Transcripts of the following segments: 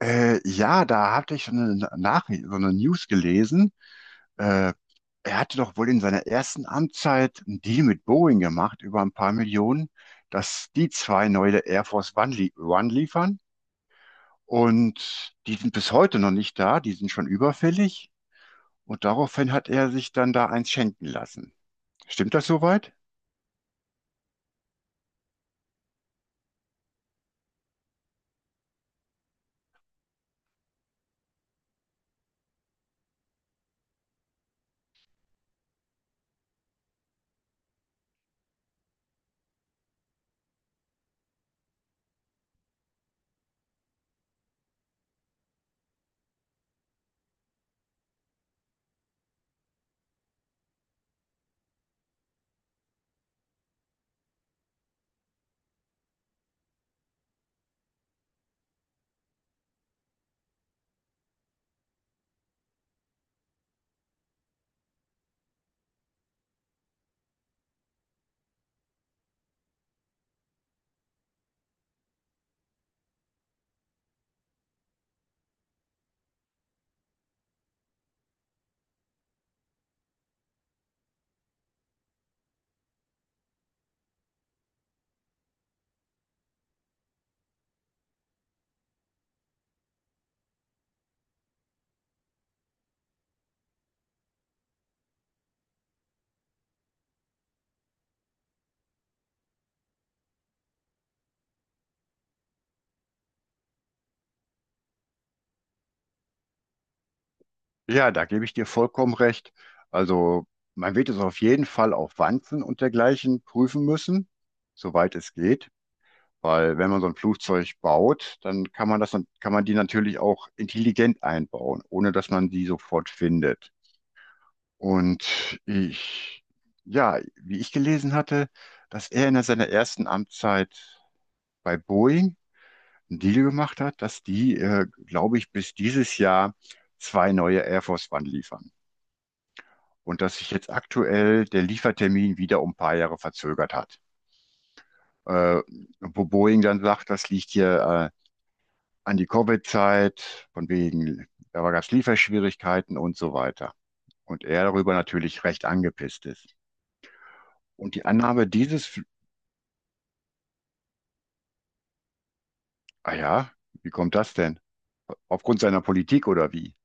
Ja, da hatte ich so eine Nachricht, so eine News gelesen. Äh, Er hatte doch wohl in seiner ersten Amtszeit einen Deal mit Boeing gemacht über ein paar Millionen, dass die zwei neue Air Force One, lie One liefern. Und die sind bis heute noch nicht da, die sind schon überfällig. Und daraufhin hat er sich dann da eins schenken lassen. Stimmt das soweit? Ja, da gebe ich dir vollkommen recht. Also man wird es auf jeden Fall auf Wanzen und dergleichen prüfen müssen, soweit es geht. Weil wenn man so ein Flugzeug baut, dann kann man die natürlich auch intelligent einbauen, ohne dass man die sofort findet. Und ich, ja, wie ich gelesen hatte, dass er in seiner ersten Amtszeit bei Boeing einen Deal gemacht hat, dass die, glaube ich, bis dieses Jahr zwei neue Air Force One liefern. Und dass sich jetzt aktuell der Liefertermin wieder um ein paar Jahre verzögert hat. Äh, Wo Boeing dann sagt, das liegt hier äh, an die Covid-Zeit, von wegen, da gab es Lieferschwierigkeiten und so weiter. Und er darüber natürlich recht angepisst ist. Und die Annahme ah ja, wie kommt das denn? Aufgrund seiner Politik oder wie?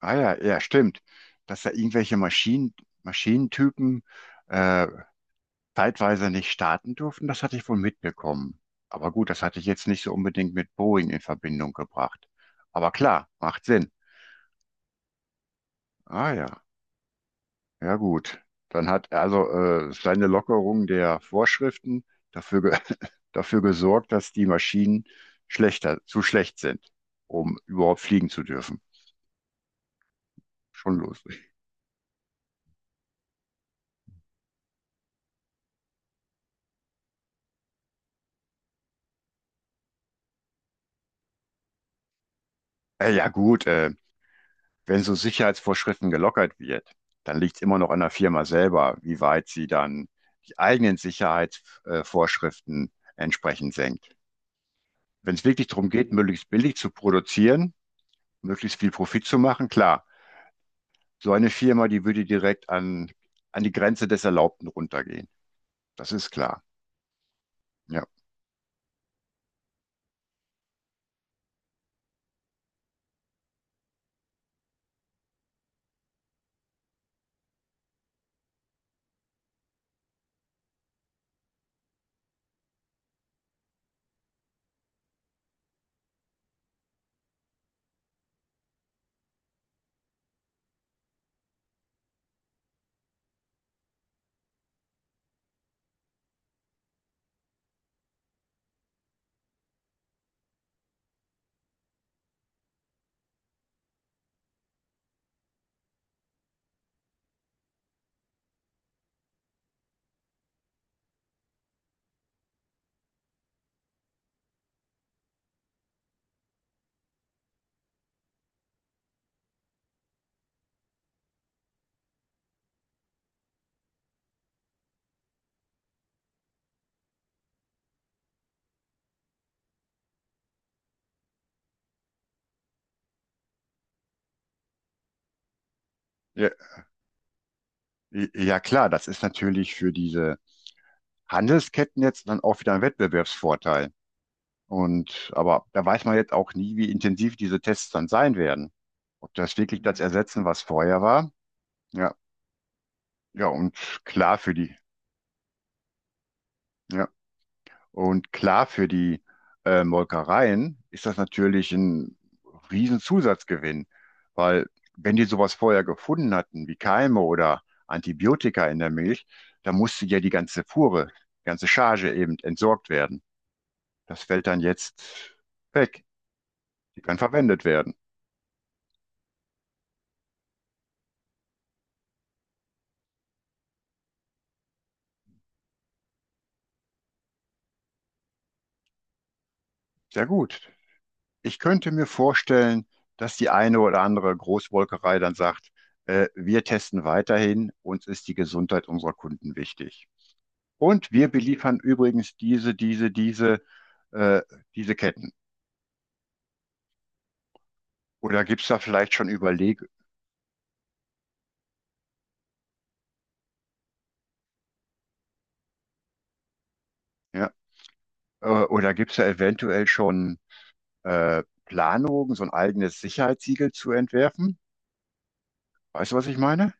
Ah ja, ja, stimmt. Dass da irgendwelche Maschinen, Maschinentypen äh, zeitweise nicht starten durften, das hatte ich wohl mitbekommen. Aber gut, das hatte ich jetzt nicht so unbedingt mit Boeing in Verbindung gebracht. Aber klar, macht Sinn. Ah ja. Ja gut, dann hat also seine Lockerung der Vorschriften dafür, ge dafür gesorgt, dass die Maschinen zu schlecht sind, um überhaupt fliegen zu dürfen. Schon lustig. Äh, ja gut, äh, wenn so Sicherheitsvorschriften gelockert wird, dann liegt es immer noch an der Firma selber, wie weit sie dann die eigenen Sicherheitsvorschriften entsprechend senkt. Wenn es wirklich darum geht, möglichst billig zu produzieren, möglichst viel Profit zu machen, klar. So eine Firma, die würde an die Grenze des Erlaubten runtergehen. Das ist klar. Ja. Ja, ja, klar, das ist natürlich für diese Handelsketten jetzt dann auch wieder ein Wettbewerbsvorteil. Und aber da weiß man jetzt auch nie, wie intensiv diese Tests dann sein werden. Ob das wirklich das ersetzen, was vorher war. Ja, ja, und klar für die. Ja. Und klar, für die Molkereien ist das natürlich ein Riesenzusatzgewinn, weil wenn die sowas vorher gefunden hatten, wie Keime oder Antibiotika in der Milch, dann musste ja die ganze Fuhre, die ganze Charge eben entsorgt werden. Das fällt dann jetzt weg. Die kann verwendet werden. Sehr gut. Ich könnte mir vorstellen, dass die eine oder andere Großmolkerei dann sagt, wir testen weiterhin, uns ist die Gesundheit unserer Kunden wichtig. Und wir beliefern übrigens äh, diese Ketten. Oder gibt es da vielleicht schon Überleg, ja? Oder gibt es da eventuell schon Planungen, so ein eigenes Sicherheitssiegel zu entwerfen? Weißt du, was ich meine?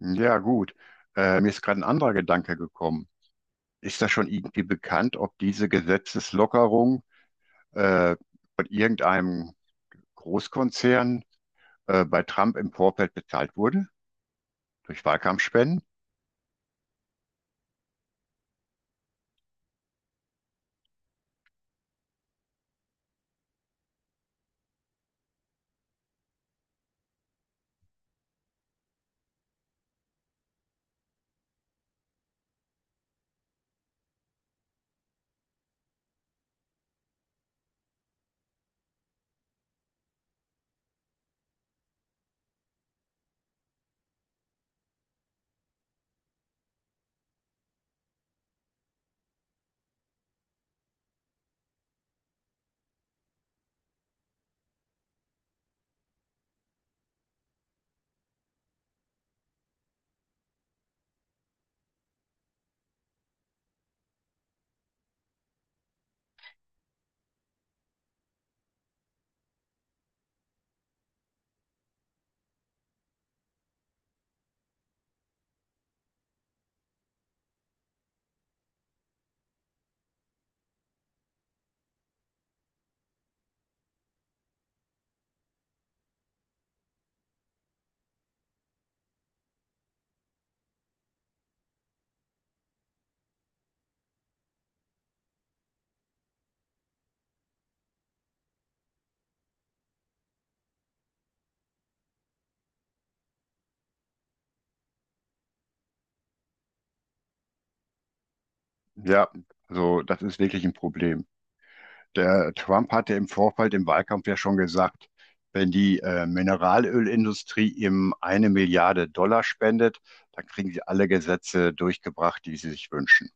Ja, gut. Mir ist gerade ein anderer Gedanke gekommen. Ist das schon irgendwie bekannt, ob diese Gesetzeslockerung äh, von irgendeinem Großkonzern bei Trump im Vorfeld bezahlt wurde? Durch Wahlkampfspenden? Ja, also das ist wirklich ein Problem. Der Trump hatte im Vorfeld im Wahlkampf ja schon gesagt, wenn die Mineralölindustrie ihm 1 Milliarde Dollar spendet, dann kriegen sie alle Gesetze durchgebracht, die sie sich wünschen.